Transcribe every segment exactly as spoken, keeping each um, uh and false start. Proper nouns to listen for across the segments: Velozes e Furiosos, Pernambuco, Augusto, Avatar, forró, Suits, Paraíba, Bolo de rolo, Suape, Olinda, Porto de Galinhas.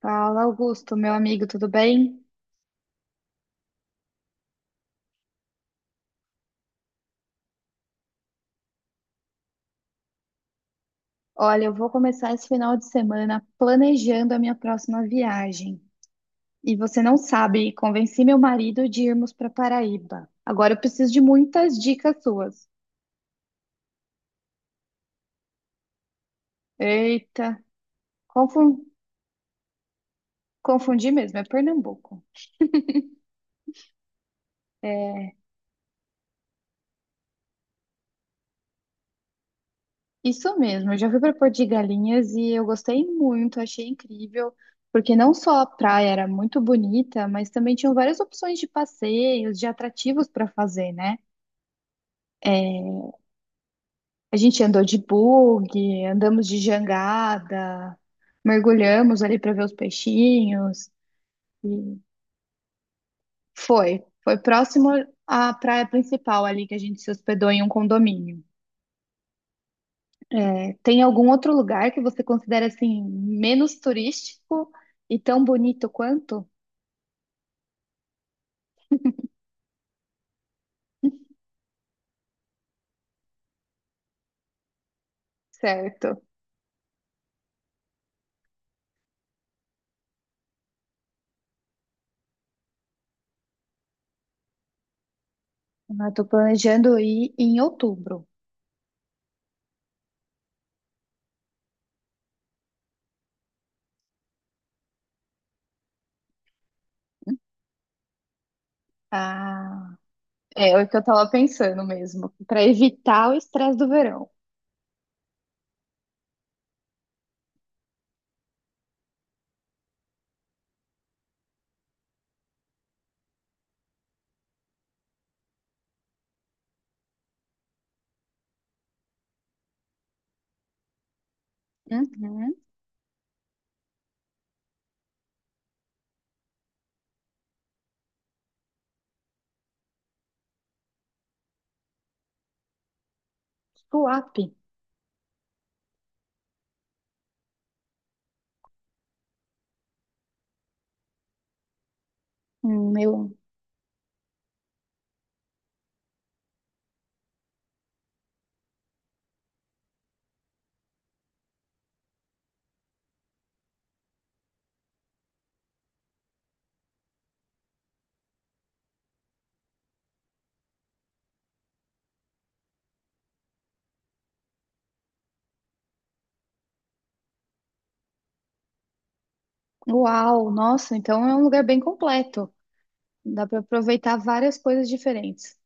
Fala, Augusto, meu amigo, tudo bem? Olha, eu vou começar esse final de semana planejando a minha próxima viagem. E você não sabe, convenci meu marido de irmos para Paraíba. Agora eu preciso de muitas dicas suas. Eita, confun- confundi mesmo, é Pernambuco. É, isso mesmo, eu já fui para Porto de Galinhas e eu gostei muito, achei incrível, porque não só a praia era muito bonita, mas também tinham várias opções de passeios, de atrativos para fazer, né? A gente andou de bug, andamos de jangada, mergulhamos ali para ver os peixinhos. E foi, foi próximo à praia principal ali que a gente se hospedou em um condomínio. É, tem algum outro lugar que você considera assim menos turístico e tão bonito quanto? Certo. Eu tô planejando ir em outubro. Ah, é é o que eu tava pensando mesmo, para evitar o estresse do verão. Uhum. Suape. Hum, Eu uau, nossa, então é um lugar bem completo. Dá para aproveitar várias coisas diferentes.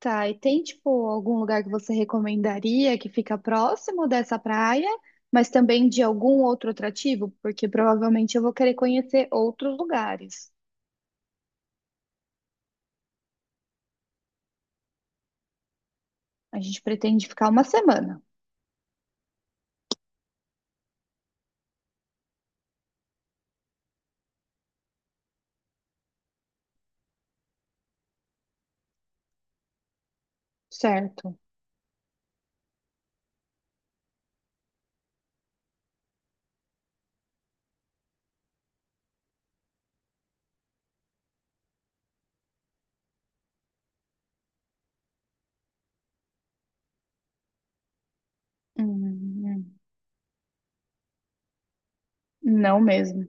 Tá, e tem tipo algum lugar que você recomendaria que fica próximo dessa praia, mas também de algum outro atrativo? Porque provavelmente eu vou querer conhecer outros lugares. A gente pretende ficar uma semana, certo? Hum, não mesmo.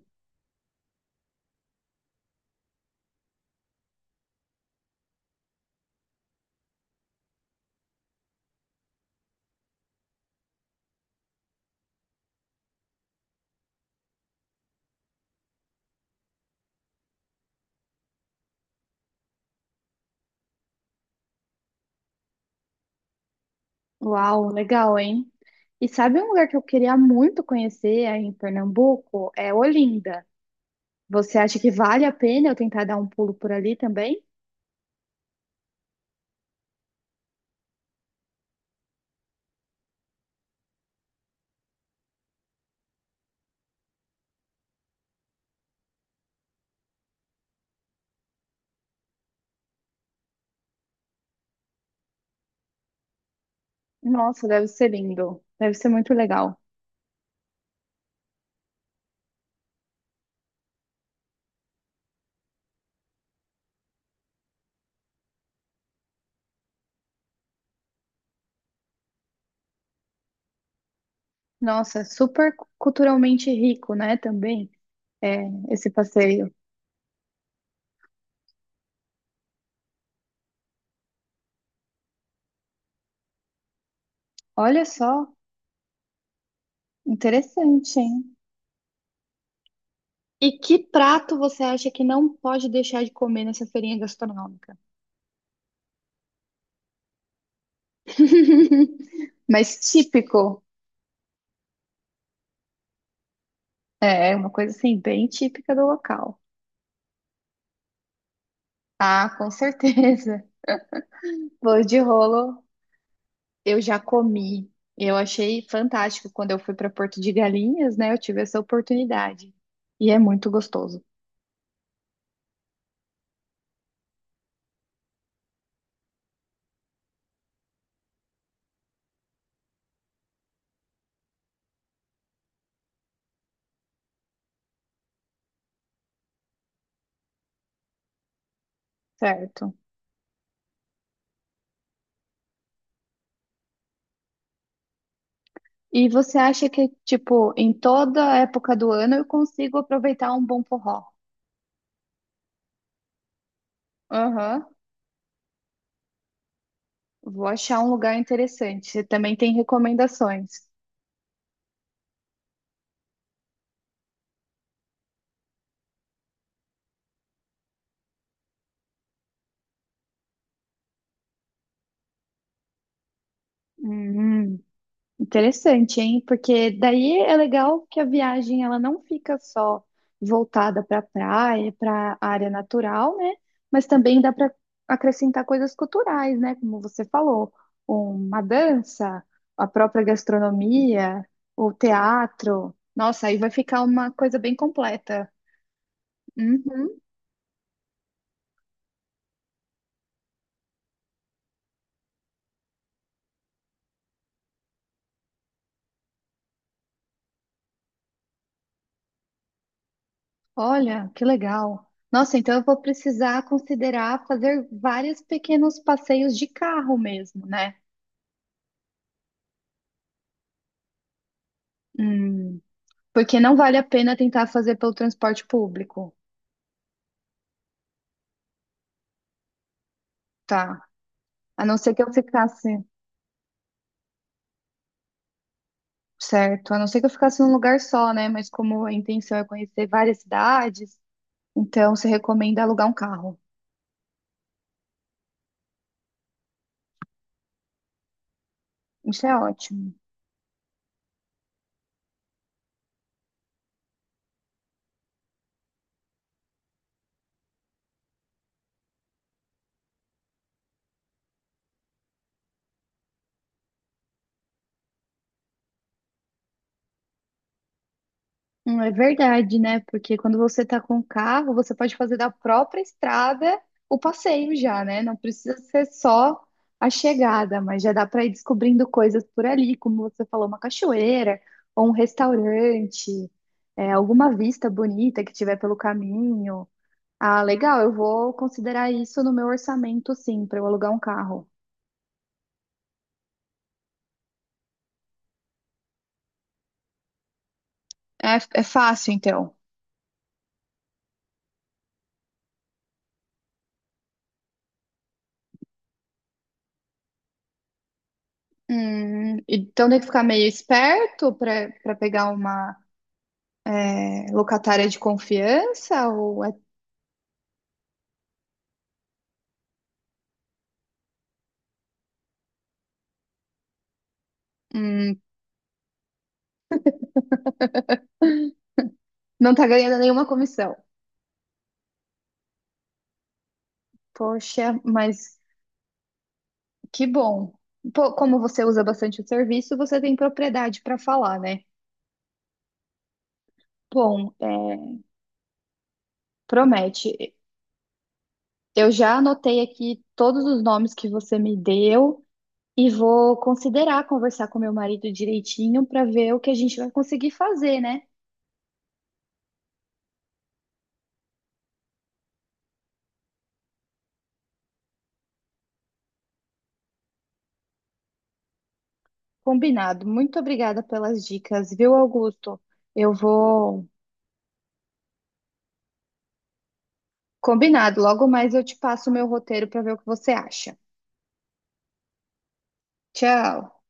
Uau, legal, hein? E sabe um lugar que eu queria muito conhecer aí em Pernambuco? É Olinda. Você acha que vale a pena eu tentar dar um pulo por ali também? Nossa, deve ser lindo. Deve ser muito legal. Nossa, super culturalmente rico, né, também, é, esse passeio. Olha só, interessante, hein? E que prato você acha que não pode deixar de comer nessa feirinha gastronômica? Mas típico, é, é uma coisa assim, bem típica do local. Ah, com certeza. Bolo de rolo. Eu já comi. Eu achei fantástico quando eu fui para Porto de Galinhas, né? Eu tive essa oportunidade. E é muito gostoso, certo? E você acha que, tipo, em toda época do ano eu consigo aproveitar um bom forró? Aham. Vou achar um lugar interessante. Você também tem recomendações. Hum. Interessante, hein? Porque daí é legal que a viagem ela não fica só voltada para praia, para área natural, né? Mas também dá para acrescentar coisas culturais, né? Como você falou, uma dança, a própria gastronomia, o teatro. Nossa, aí vai ficar uma coisa bem completa. Uhum. Olha, que legal. Nossa, então eu vou precisar considerar fazer vários pequenos passeios de carro mesmo, né? Hum. Porque não vale a pena tentar fazer pelo transporte público, tá? A não ser que eu ficasse, certo? A não ser que eu ficasse num lugar só, né? Mas como a intenção é conhecer várias cidades, então se recomenda alugar um carro. Isso é ótimo. Hum, É verdade, né? Porque quando você tá com o carro, você pode fazer da própria estrada o passeio já, né? Não precisa ser só a chegada, mas já dá para ir descobrindo coisas por ali, como você falou, uma cachoeira ou um restaurante, é, alguma vista bonita que tiver pelo caminho. Ah, legal, eu vou considerar isso no meu orçamento, sim, para eu alugar um carro. É, é fácil, então. Hum, então tem que ficar meio esperto para para pegar uma locatária de confiança ou é- hum, não tá ganhando nenhuma comissão? Poxa, mas que bom. Pô, como você usa bastante o serviço, você tem propriedade para falar, né? Bom, é, promete. Eu já anotei aqui todos os nomes que você me deu e vou considerar conversar com meu marido direitinho para ver o que a gente vai conseguir fazer, né? Combinado. Muito obrigada pelas dicas, viu, Augusto? Eu vou combinado, logo mais eu te passo o meu roteiro para ver o que você acha. Tchau.